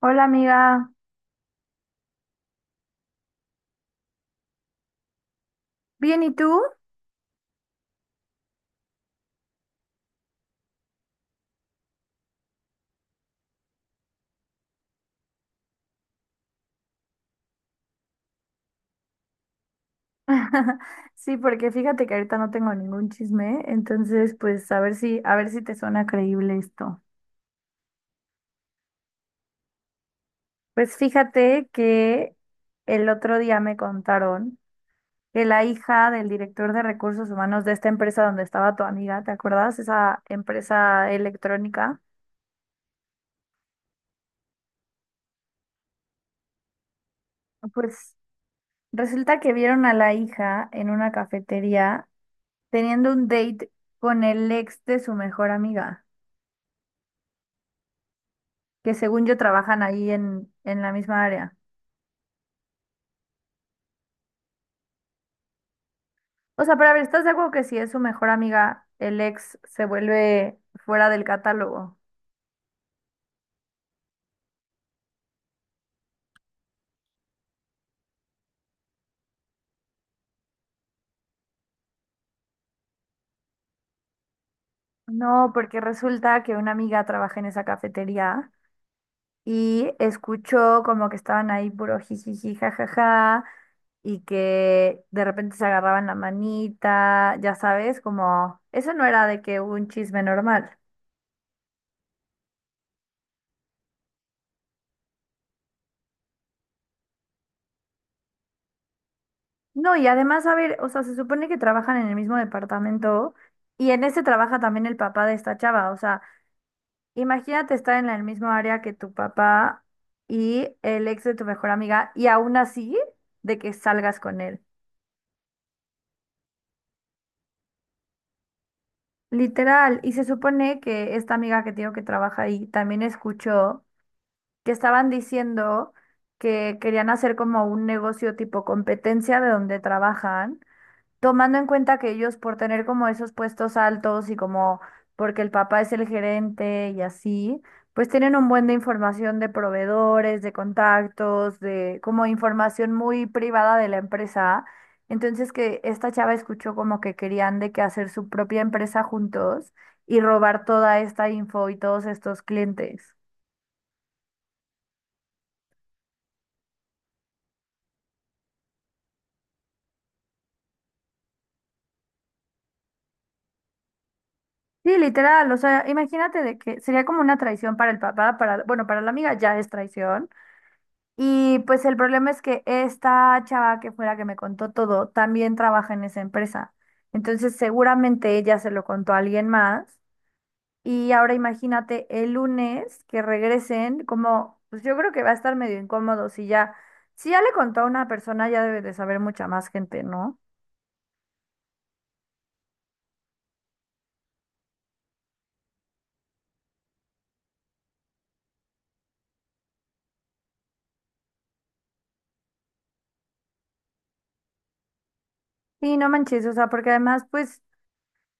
Hola amiga, ¿bien y tú? Sí, porque fíjate que ahorita no tengo ningún chisme, entonces pues a ver si te suena creíble esto. Pues fíjate que el otro día me contaron que la hija del director de recursos humanos de esta empresa donde estaba tu amiga, ¿te acuerdas? Esa empresa electrónica. Pues resulta que vieron a la hija en una cafetería teniendo un date con el ex de su mejor amiga, que según yo trabajan ahí en la misma área. O sea, pero a ver, ¿estás de acuerdo que si es su mejor amiga, el ex se vuelve fuera del catálogo? No, porque resulta que una amiga trabaja en esa cafetería y escuchó como que estaban ahí puro jijiji, jajaja, y que de repente se agarraban la manita, ya sabes, como eso no era de que un chisme normal. No, y además, a ver, o sea, se supone que trabajan en el mismo departamento y en ese trabaja también el papá de esta chava. O sea, imagínate estar en el mismo área que tu papá y el ex de tu mejor amiga y aún así de que salgas con él. Literal. Y se supone que esta amiga que tengo que trabaja ahí también escuchó que estaban diciendo que querían hacer como un negocio tipo competencia de donde trabajan, tomando en cuenta que ellos por tener como esos puestos altos y como porque el papá es el gerente y así, pues tienen un buen de información de proveedores, de contactos, de como información muy privada de la empresa. Entonces que esta chava escuchó como que querían de que hacer su propia empresa juntos y robar toda esta info y todos estos clientes. Sí, literal, o sea, imagínate de que sería como una traición para el papá, para, bueno, para la amiga ya es traición. Y pues el problema es que esta chava que fue la que me contó todo, también trabaja en esa empresa. Entonces seguramente ella se lo contó a alguien más. Y ahora imagínate el lunes que regresen, como, pues yo creo que va a estar medio incómodo si ya, si ya le contó a una persona, ya debe de saber mucha más gente, ¿no? Sí, no manches, o sea, porque además, pues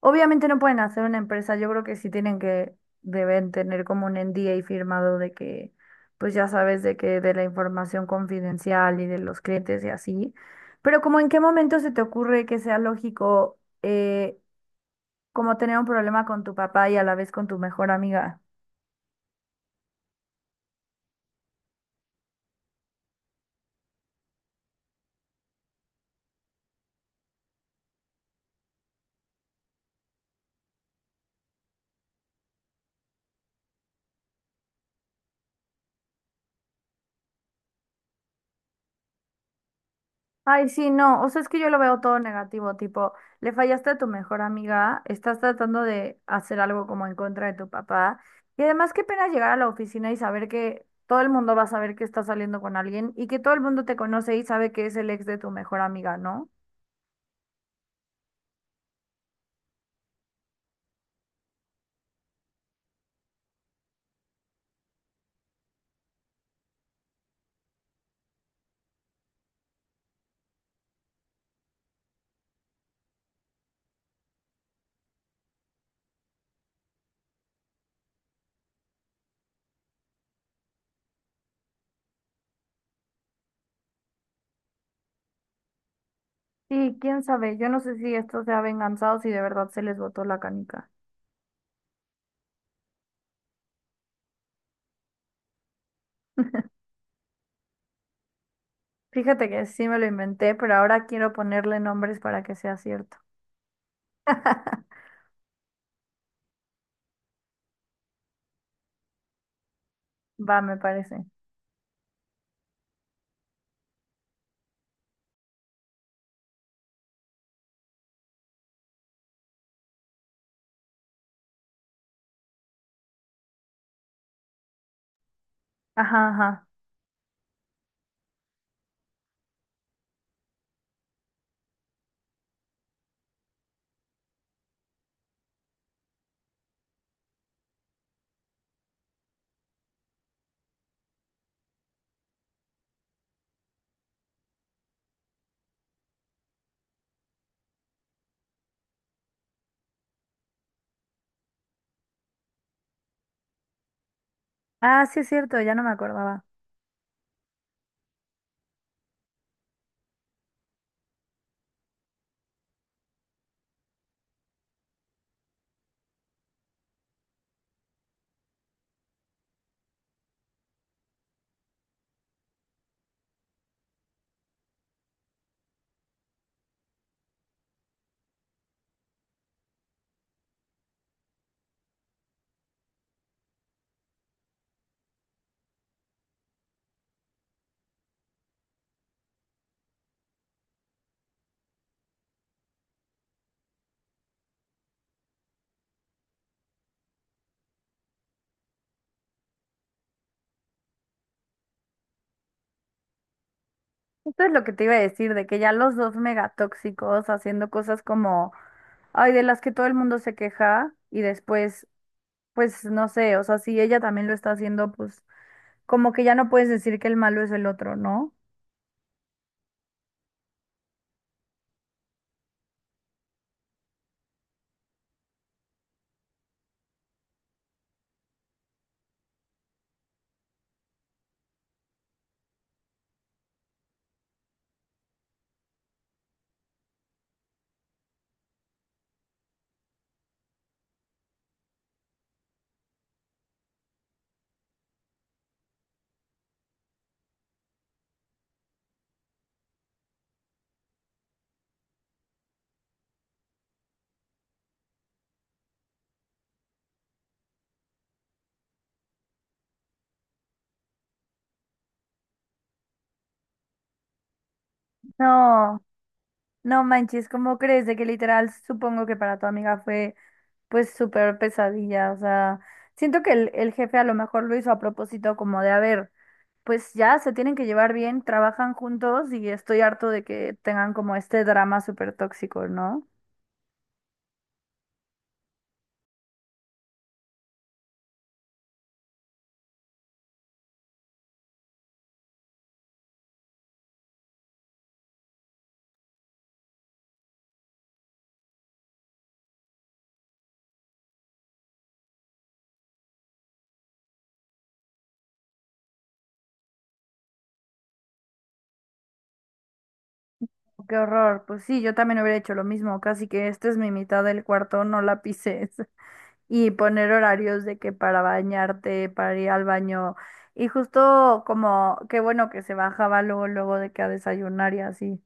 obviamente no pueden hacer una empresa, yo creo que sí tienen que, deben tener como un NDA firmado de que, pues ya sabes, de que de la información confidencial y de los clientes y así. Pero como en qué momento se te ocurre que sea lógico como tener un problema con tu papá y a la vez con tu mejor amiga. Ay, sí, no, o sea, es que yo lo veo todo negativo, tipo, le fallaste a tu mejor amiga, estás tratando de hacer algo como en contra de tu papá, y además qué pena llegar a la oficina y saber que todo el mundo va a saber que estás saliendo con alguien y que todo el mundo te conoce y sabe que es el ex de tu mejor amiga, ¿no? Y quién sabe, yo no sé si esto sea venganza o si de verdad se les botó la canica. Fíjate que sí me lo inventé, pero ahora quiero ponerle nombres para que sea cierto. Va, me parece. Ajá, ajá. Ah, sí es cierto, ya no me acordaba. Esto es lo que te iba a decir, de que ya los dos megatóxicos haciendo cosas como, ay, de las que todo el mundo se queja y después, pues no sé, o sea, si ella también lo está haciendo, pues como que ya no puedes decir que el malo es el otro, ¿no? No, no manches, ¿cómo crees? De que literal supongo que para tu amiga fue pues súper pesadilla, o sea, siento que el jefe a lo mejor lo hizo a propósito como de, haber, pues ya se tienen que llevar bien, trabajan juntos y estoy harto de que tengan como este drama súper tóxico, ¿no? Oh, qué horror. Pues sí, yo también hubiera hecho lo mismo, casi que esta es mi mitad del cuarto, no la pises. Y poner horarios de que para bañarte, para ir al baño. Y justo como, qué bueno que se bajaba luego, luego de que a desayunar y así.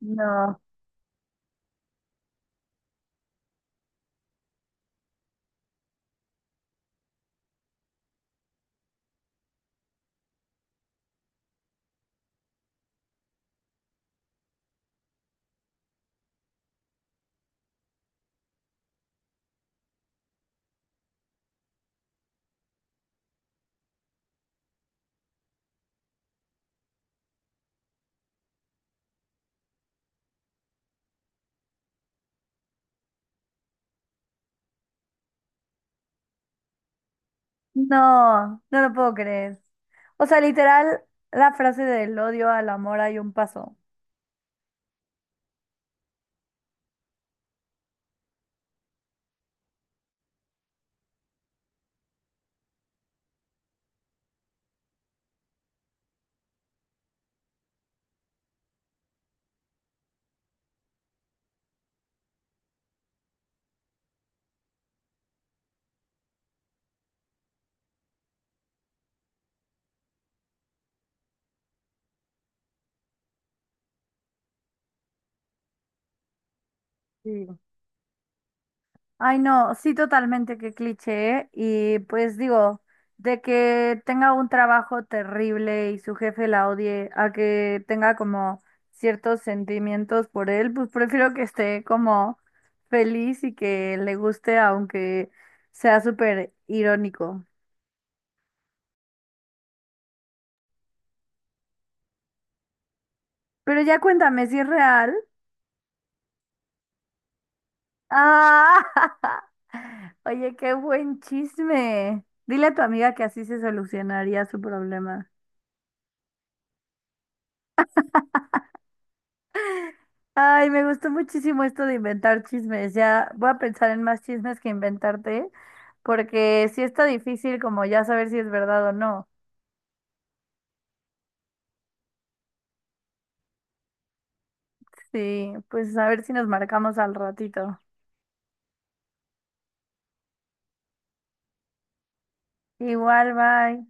No, no lo puedo creer. O sea, literal, la frase del odio al amor hay un paso. Sí. Ay, no, sí, totalmente, qué cliché, ¿eh? Y pues digo, de que tenga un trabajo terrible y su jefe la odie, a que tenga como ciertos sentimientos por él, pues prefiero que esté como feliz y que le guste, aunque sea súper irónico. Pero ya cuéntame si es real. Ah, oye, qué buen chisme. Dile a tu amiga que así se solucionaría su problema. Ay, me gustó muchísimo esto de inventar chismes. Ya voy a pensar en más chismes que inventarte, porque sí está difícil como ya saber si es verdad o no. Sí, pues a ver si nos marcamos al ratito. Igual, bye.